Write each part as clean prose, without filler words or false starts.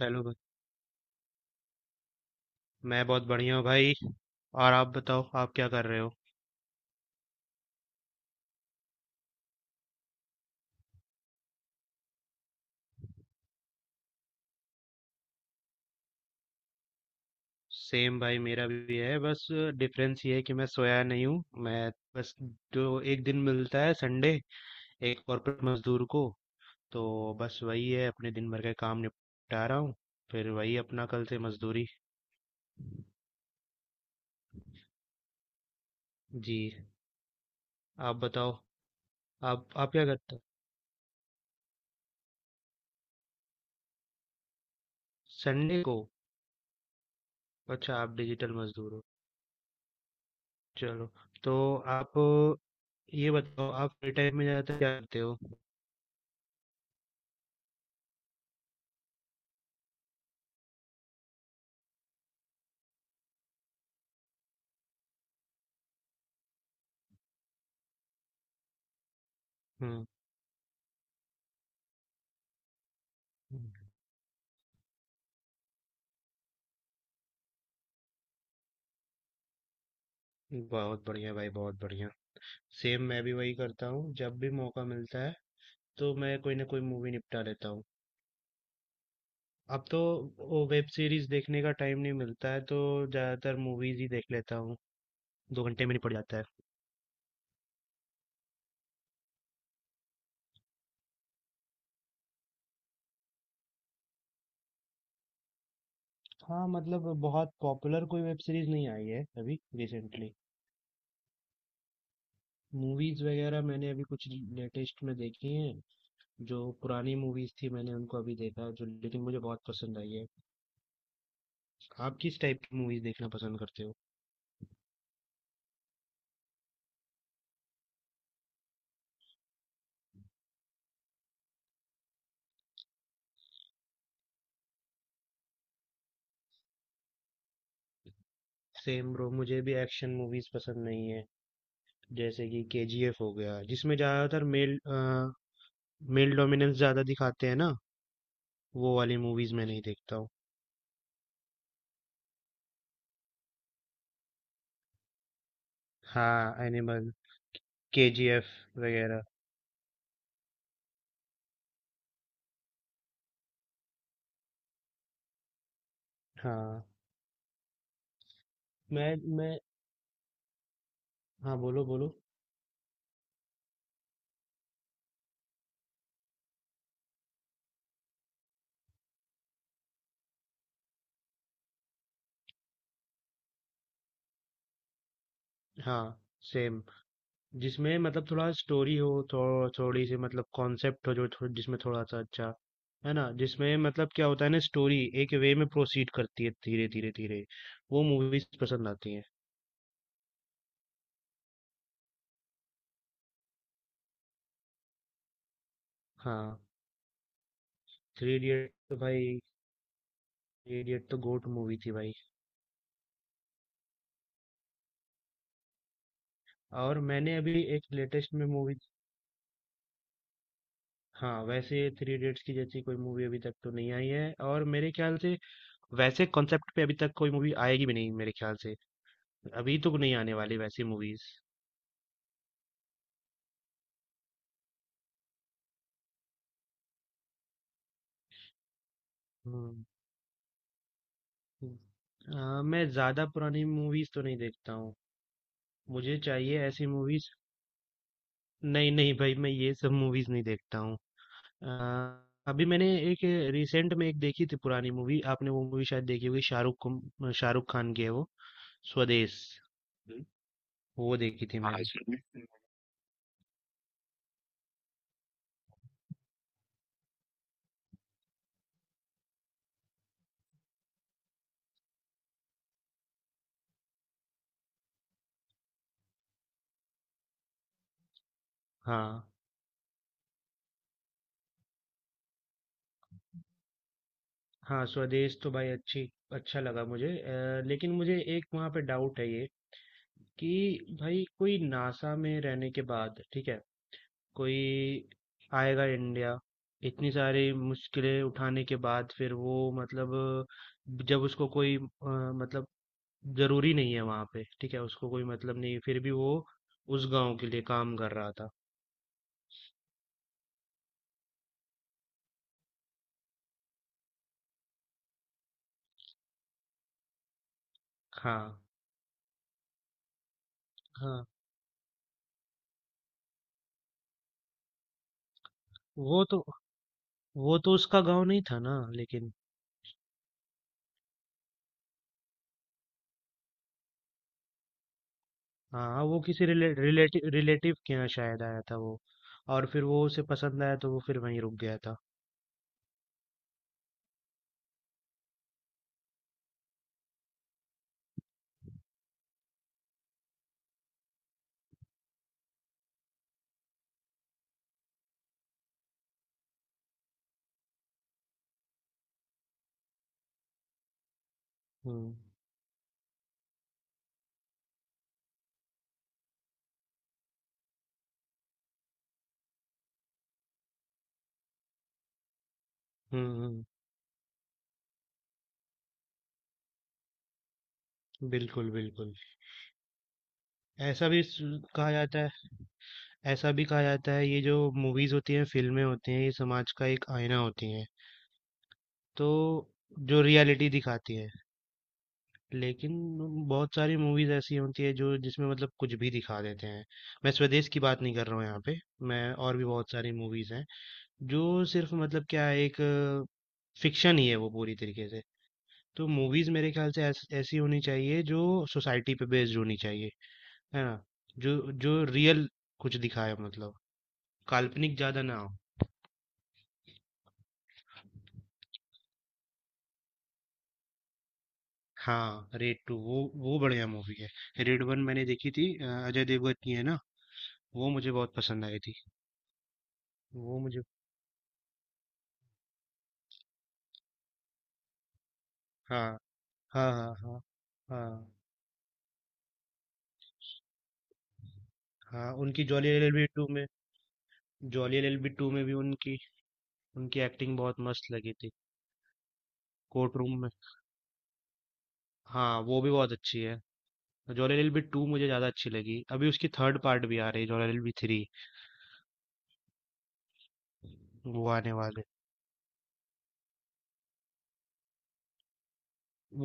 Hello भाई। मैं बहुत बढ़िया हूँ भाई। और आप बताओ आप क्या कर रहे हो। सेम भाई मेरा भी है। बस डिफरेंस ये है कि मैं सोया नहीं हूँ। मैं बस, जो एक दिन मिलता है संडे एक कॉर्पोरेट मजदूर को, तो बस वही है, अपने दिन भर के काम निपटा रहा हूँ। फिर वही अपना कल से मजदूरी। जी। आप बताओ आप क्या करते हो संडे को। अच्छा, आप डिजिटल मजदूर हो। चलो, तो आप ये बताओ, आप फ्री टाइम में ज़्यादातर क्या करते हो। हम्म। बहुत बढ़िया भाई, बहुत बढ़िया। सेम, मैं भी वही करता हूँ, जब भी मौका मिलता है तो मैं कोई ना कोई मूवी निपटा लेता हूँ। अब तो वो वेब सीरीज देखने का टाइम नहीं मिलता है तो ज्यादातर मूवीज ही देख लेता हूँ। 2 घंटे में निपट जाता है। हाँ मतलब बहुत पॉपुलर कोई वेब सीरीज नहीं आई है अभी रिसेंटली। मूवीज वगैरह मैंने अभी कुछ लेटेस्ट में देखी हैं। जो पुरानी मूवीज थी मैंने उनको अभी देखा जो, लेकिन मुझे बहुत पसंद आई है। आप किस टाइप की मूवीज देखना पसंद करते हो। सेम ब्रो, मुझे भी एक्शन मूवीज पसंद नहीं है। जैसे कि केजीएफ हो गया जिसमें ज्यादातर मेल मेल डोमिनेंस ज्यादा दिखाते हैं ना। वो वाली मूवीज मैं नहीं देखता हूँ। हाँ, एनिमल, केजीएफ वगैरह। हाँ। मैं हाँ, बोलो बोलो। हाँ, सेम, जिसमें मतलब थोड़ा स्टोरी हो, थोड़ी सी मतलब कॉन्सेप्ट हो, जो जिसमें थोड़ा सा अच्छा है ना। जिसमें मतलब क्या होता है ना, स्टोरी एक वे में प्रोसीड करती है धीरे धीरे धीरे। वो मूवीज पसंद आती हैं। हाँ। थ्री इडियट तो भाई, थ्री इडियट तो गोट मूवी थी भाई। और मैंने अभी एक लेटेस्ट में मूवी। हाँ वैसे थ्री इडियट्स की जैसी कोई मूवी अभी तक तो नहीं आई है, और मेरे ख्याल से वैसे कॉन्सेप्ट पे अभी तक कोई मूवी आएगी भी नहीं मेरे ख्याल से। अभी तो नहीं आने वाली वैसी मूवीज। हम्म। मैं ज्यादा पुरानी मूवीज तो नहीं देखता हूँ। मुझे चाहिए ऐसी मूवीज। नहीं नहीं भाई, मैं ये सब मूवीज नहीं देखता हूँ। आ, अभी मैंने एक रिसेंट में एक देखी थी पुरानी मूवी। आपने वो मूवी शायद देखी होगी, शाहरुख खान की है वो, स्वदेश, हुँ। वो देखी थी हाँ, मैंने। इसमें। हाँ, हाँ, स्वदेश तो भाई अच्छी अच्छा लगा मुझे, लेकिन मुझे एक वहाँ पे डाउट है ये, कि भाई कोई नासा में रहने के बाद, ठीक है, कोई आएगा इंडिया, इतनी सारी मुश्किलें उठाने के बाद फिर वो मतलब जब उसको कोई मतलब ज़रूरी नहीं है वहाँ पे, ठीक है, उसको कोई मतलब नहीं है, फिर भी वो उस गाँव के लिए काम कर रहा था। हाँ, हाँ। वो तो वो तो उसका गांव नहीं था ना, लेकिन। हाँ वो किसी रिलेटिव रिलेटिव के यहाँ शायद आया था वो। और फिर वो उसे पसंद आया तो वो फिर वहीं रुक गया था। हम्म हम्म। बिल्कुल बिल्कुल। ऐसा भी सु- कहा जाता है ऐसा भी कहा जाता है, ये जो मूवीज होती हैं फिल्में होती हैं ये समाज का एक आईना होती हैं। तो जो रियलिटी दिखाती है, लेकिन बहुत सारी मूवीज ऐसी होती है जो, जिसमें मतलब कुछ भी दिखा देते हैं। मैं स्वदेश की बात नहीं कर रहा हूँ यहाँ पे। मैं और भी बहुत सारी मूवीज हैं जो सिर्फ मतलब क्या एक फिक्शन ही है, वो पूरी तरीके से। तो मूवीज मेरे ख्याल से ऐसी होनी चाहिए जो सोसाइटी पे बेस्ड होनी चाहिए। है ना, जो जो रियल कुछ दिखाए, मतलब काल्पनिक ज्यादा ना हो। हाँ रेड टू, वो बढ़िया मूवी है। रेड वन मैंने देखी थी, अजय देवगन की है ना। वो मुझे बहुत पसंद आई थी। वो मुझे। हाँ, हाँ, हाँ, हाँ, हाँ, हाँ। उनकी जॉली एलएलबी टू में। जॉली एलएलबी टू में भी उनकी उनकी एक्टिंग बहुत मस्त लगी थी। कोर्ट रूम में। हाँ वो भी बहुत अच्छी है। जॉली एलबी टू मुझे ज्यादा अच्छी लगी, अभी उसकी थर्ड पार्ट भी आ रही है जॉली एलबी थ्री। वो आने वाले,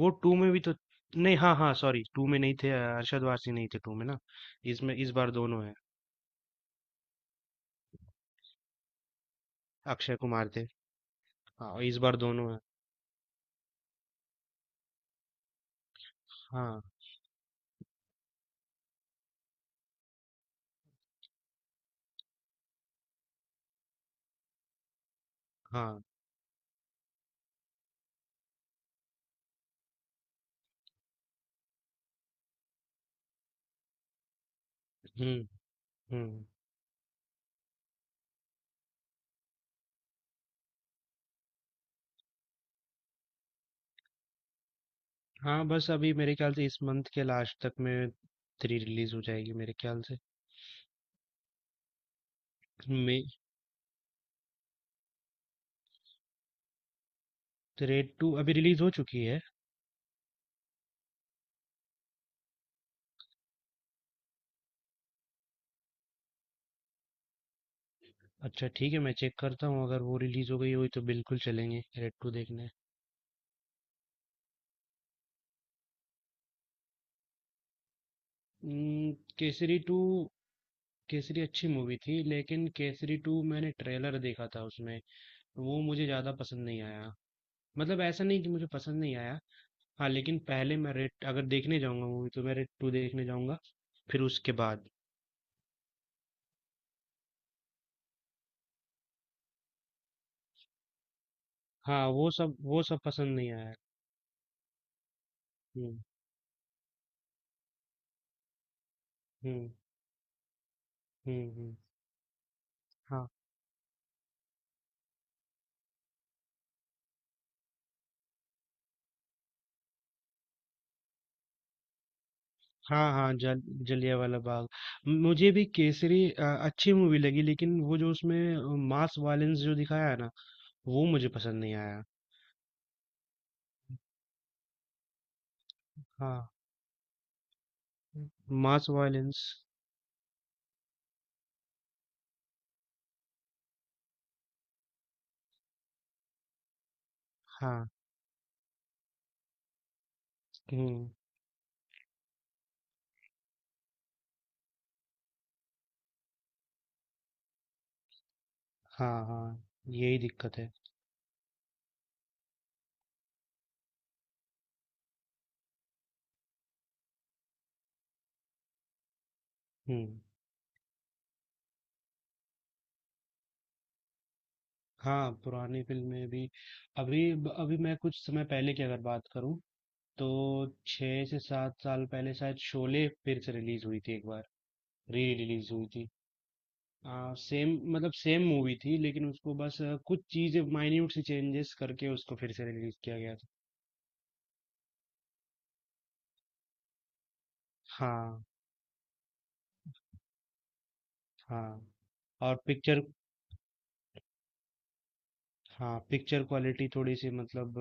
वो टू में भी तो नहीं, हाँ हाँ सॉरी, टू में नहीं थे, अरशद वारसी नहीं थे टू में ना। इसमें इस बार दोनों है। अक्षय कुमार थे। हाँ इस बार दोनों है। हाँ हाँ। हम्म हम्म। हाँ बस अभी मेरे ख्याल से इस मंथ के लास्ट तक में थ्री रिलीज हो जाएगी मेरे ख्याल से। मे रेड टू अभी रिलीज हो चुकी है। अच्छा ठीक है, मैं चेक करता हूँ, अगर वो रिलीज़ हो गई हुई तो बिल्कुल चलेंगे रेड टू देखने। हम्म। केसरी टू, केसरी अच्छी मूवी थी लेकिन केसरी टू मैंने ट्रेलर देखा था उसमें, वो मुझे ज़्यादा पसंद नहीं आया। मतलब ऐसा नहीं कि मुझे पसंद नहीं आया। हाँ लेकिन पहले मैं रेड, अगर देखने जाऊंगा मूवी तो मैं रेड टू देखने जाऊंगा फिर उसके बाद। हाँ, वो सब पसंद नहीं आया। हम्म हम्म। हम्म। हाँ। हाँ, हाँ, जल जलियांवाला बाग। मुझे भी केसरी अच्छी मूवी लगी, लेकिन वो जो उसमें मास वायलेंस जो दिखाया है ना, वो मुझे पसंद नहीं आया। हाँ, मास वायलेंस। हाँ, हम्म, हाँ, हाँ, यही दिक्कत है। हम्म। हाँ, पुरानी फिल्में भी। अभी अभी मैं कुछ समय पहले की अगर बात करूँ, तो 6 से 7 साल पहले शायद शोले फिर से रिलीज हुई थी एक बार, री रिलीज हुई थी। सेम, मतलब सेम मूवी थी लेकिन उसको बस कुछ चीजें माइन्यूट सी चेंजेस करके उसको फिर से रिलीज किया गया था। हाँ हाँ, और पिक्चर, हाँ पिक्चर क्वालिटी थोड़ी सी मतलब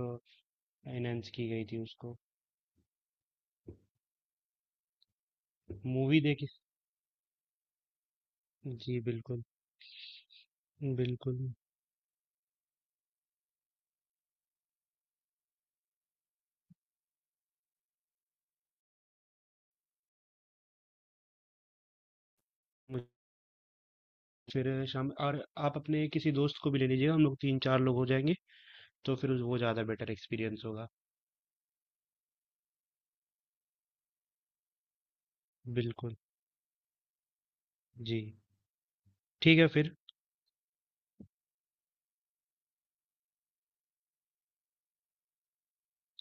एनहेंस की गई थी उसको। मूवी देखी। जी बिल्कुल। बिल्कुल। मुझे फिर शाम, और आप अपने किसी दोस्त को भी ले लीजिएगा, हम लोग तीन चार लोग हो जाएंगे तो फिर वो ज़्यादा बेटर एक्सपीरियंस होगा। बिल्कुल। जी। ठीक है फिर।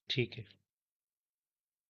ठीक है।